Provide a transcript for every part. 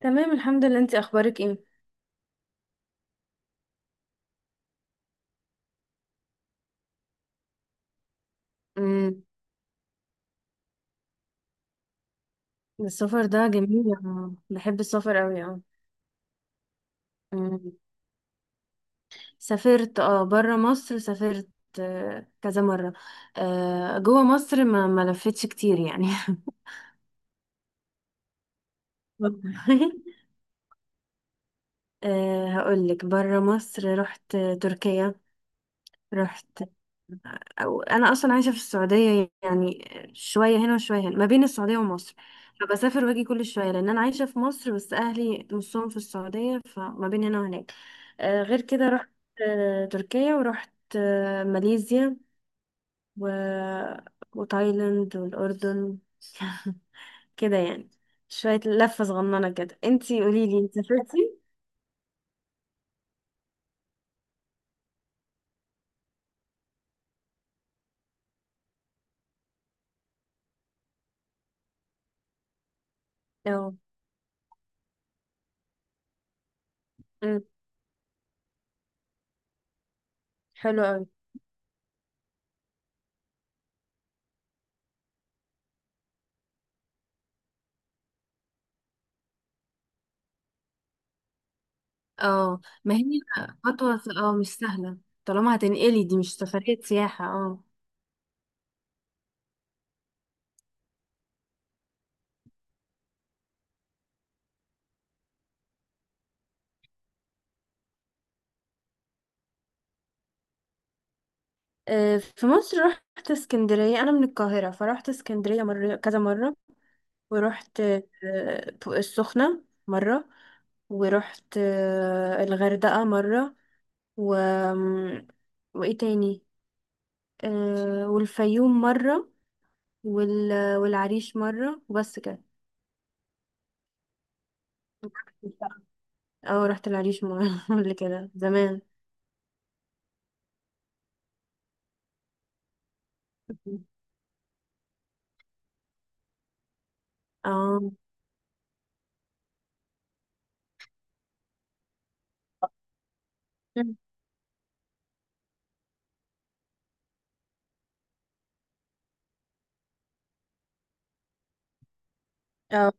تمام، الحمد لله. انت اخبارك ايه؟ امم السفر ده جميل، اه بحب السفر قوي، اه. امم سافرت، بره مصر سافرت. آه، كذا مرة. آه، جوه مصر ما لفتش كتير يعني والله. آه، هقولك، بره مصر رحت تركيا. رحت، أو أنا أصلا عايشة في السعودية يعني. شوية هنا وشوية هنا، ما بين السعودية ومصر. فبسافر واجي كل شوية، لأن أنا عايشة في مصر بس أهلي نصهم في السعودية، فما بين هنا وهناك. آه، غير كده رحت آه، تركيا، ورحت آه، ماليزيا، و... وتايلاند والأردن كده يعني، شوية لفة صغننة كده. انتي قوليلي، انت سافرتي؟ اه. أمم، حلو أوي. اه، ما هي خطوة، اه مش سهلة. طالما هتنقلي، دي مش سفرية سياحة، اه. آه، في مصر رحت اسكندرية. أنا من القاهرة، فرحت اسكندرية مرة، كذا مرة. ورحت آه، السخنة مرة. ورحت آه، الغردقة مرة. و... وإيه تاني؟ آه، والفيوم مرة. وال... والعريش مرة، وبس كده. اه، رحت العريش مرة قبل كده، زمان. اه. اه.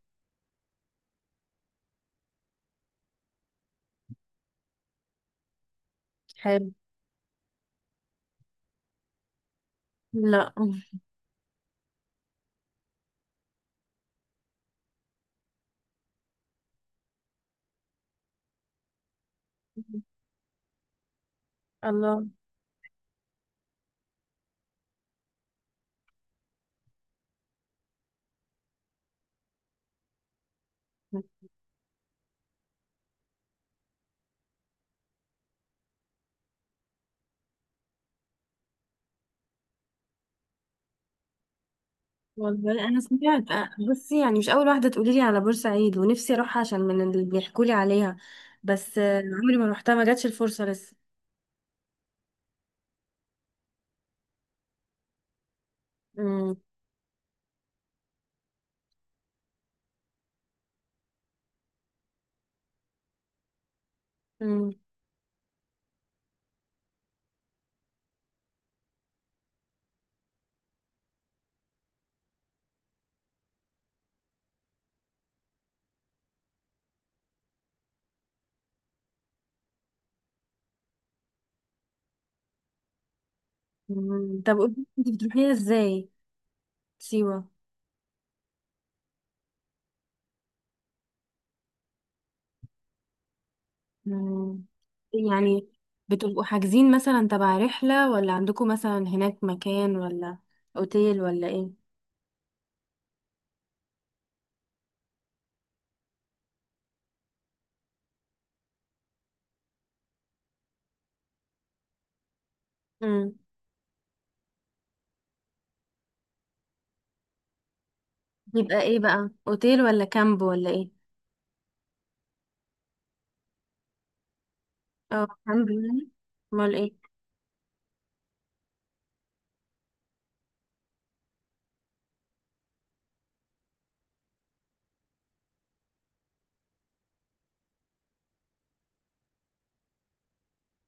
حلو. لا. الله. والله انا سمعت، بصي يعني، مش اول واحده تقولي لي على بورسعيد، ونفسي اروحها عشان من اللي بيحكوا لي عليها. بس آه، عمري ما روحتها، ما جاتش الفرصه لسه. مم. مم. مم. طب قولي، انت بتروحيها ازاي سيوه؟ مم. يعني بتبقوا حاجزين مثلا تبع رحله، ولا عندكم مثلا هناك مكان، ولا اوتيل، ولا ايه؟ مم. يبقى ايه بقى، اوتيل ولا كامب ولا ايه؟ اه، كامب يعني. امال ايه؟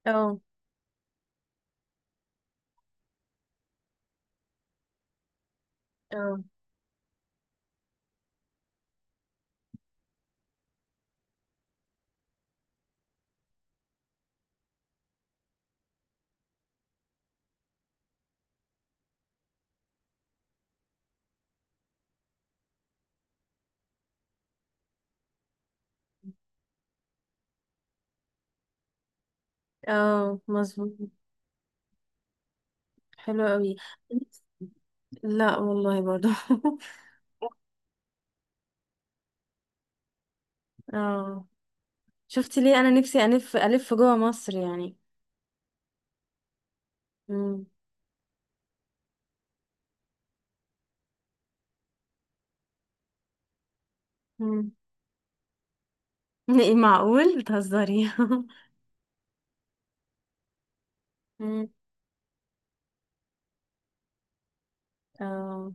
اه. اه. اه، مظبوط. حلو قوي. لا والله، برضو. اه. شفتي ليه، انا نفسي الف الف جوه مصر يعني. امم امم إيه، معقول بتهزري؟ امم اه.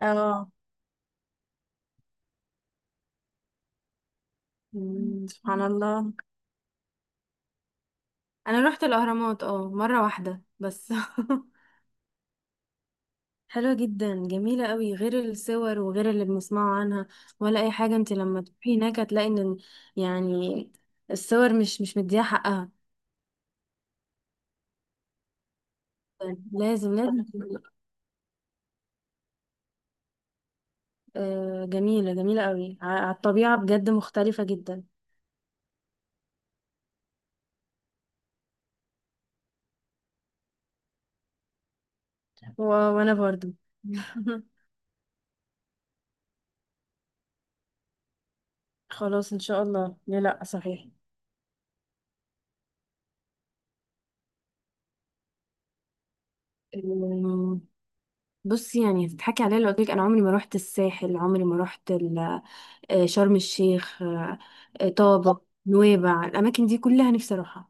اه. سبحان الله. انا رحت الاهرامات، اه مره واحده بس حلوه جدا، جميله قوي غير الصور وغير اللي بنسمعه عنها، ولا اي حاجه. انت لما تروحي هناك هتلاقي ان يعني الصور مش مديها حقها. طيب، لازم لازم. آه، جميلة جميلة قوي، على الطبيعة، بجد مختلفة جدا. وأنا برضو خلاص إن شاء الله، لا لا، صحيح. أم، بصي يعني، تضحكي عليا لو قلت لك أنا عمري ما روحت الساحل، عمري ما روحت شرم الشيخ، طابة نويبع، الأماكن دي كلها نفسي أروحها.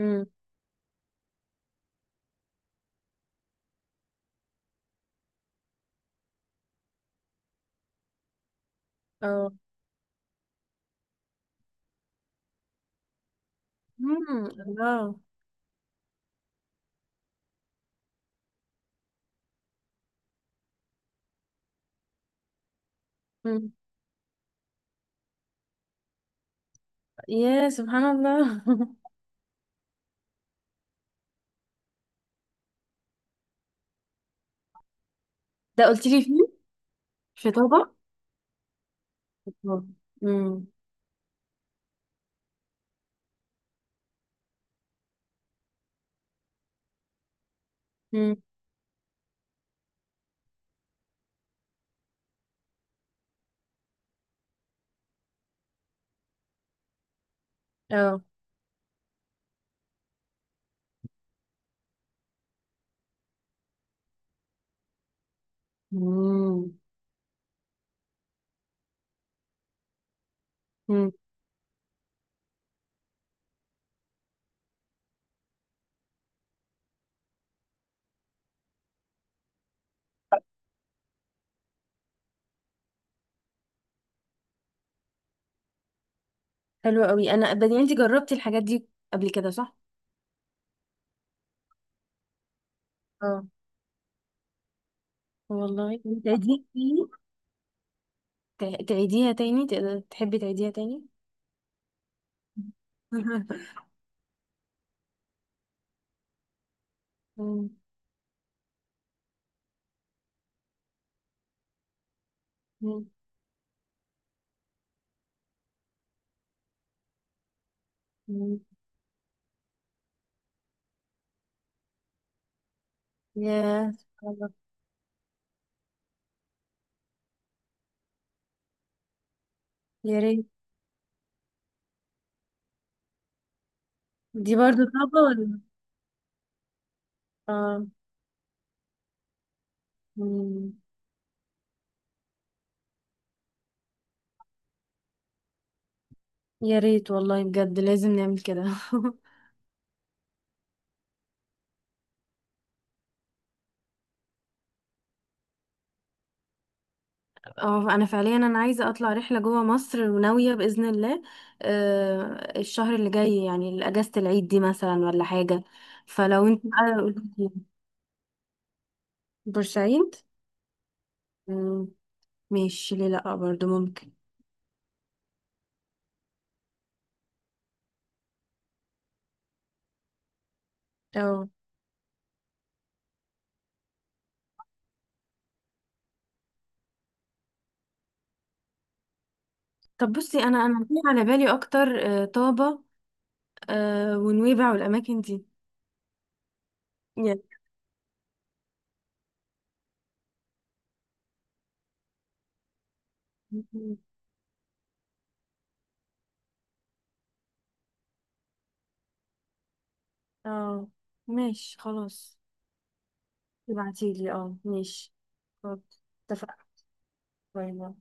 امم. اه. امم، الله. امم. يا سبحان الله ده قلت لي فين؟ في طابة. امم. امم. اه. مم. مم. حلو قوي. انا بدي، انت جربتي الحاجات دي قبل كده، صح؟ اه. والله، تعيديها تاني؟ تعيديها تاني، تحبي تعيديها تاني؟ مم. مم. مم. يا سبحان الله. يا ريت. دي برضو صعبة، ولا؟ اه. مم. يا ريت والله، بجد لازم نعمل كده اه، انا فعليا، انا عايزه اطلع رحله جوه مصر، وناويه باذن الله، آه، الشهر اللي جاي يعني، اجازه العيد دي مثلا، ولا حاجه. فلو انت بقى قولي لي. بورسعيد؟ مم، ماشي. ليه لا، برضو ممكن. اه. طب بصي، انا جه على بالي اكتر آه، طابه، آه، ونويبع والاماكن دي يعني. اه، ماشي، خلاص. ابعتيلي، اه ماشي. خلاص. اتفقنا. باي باي.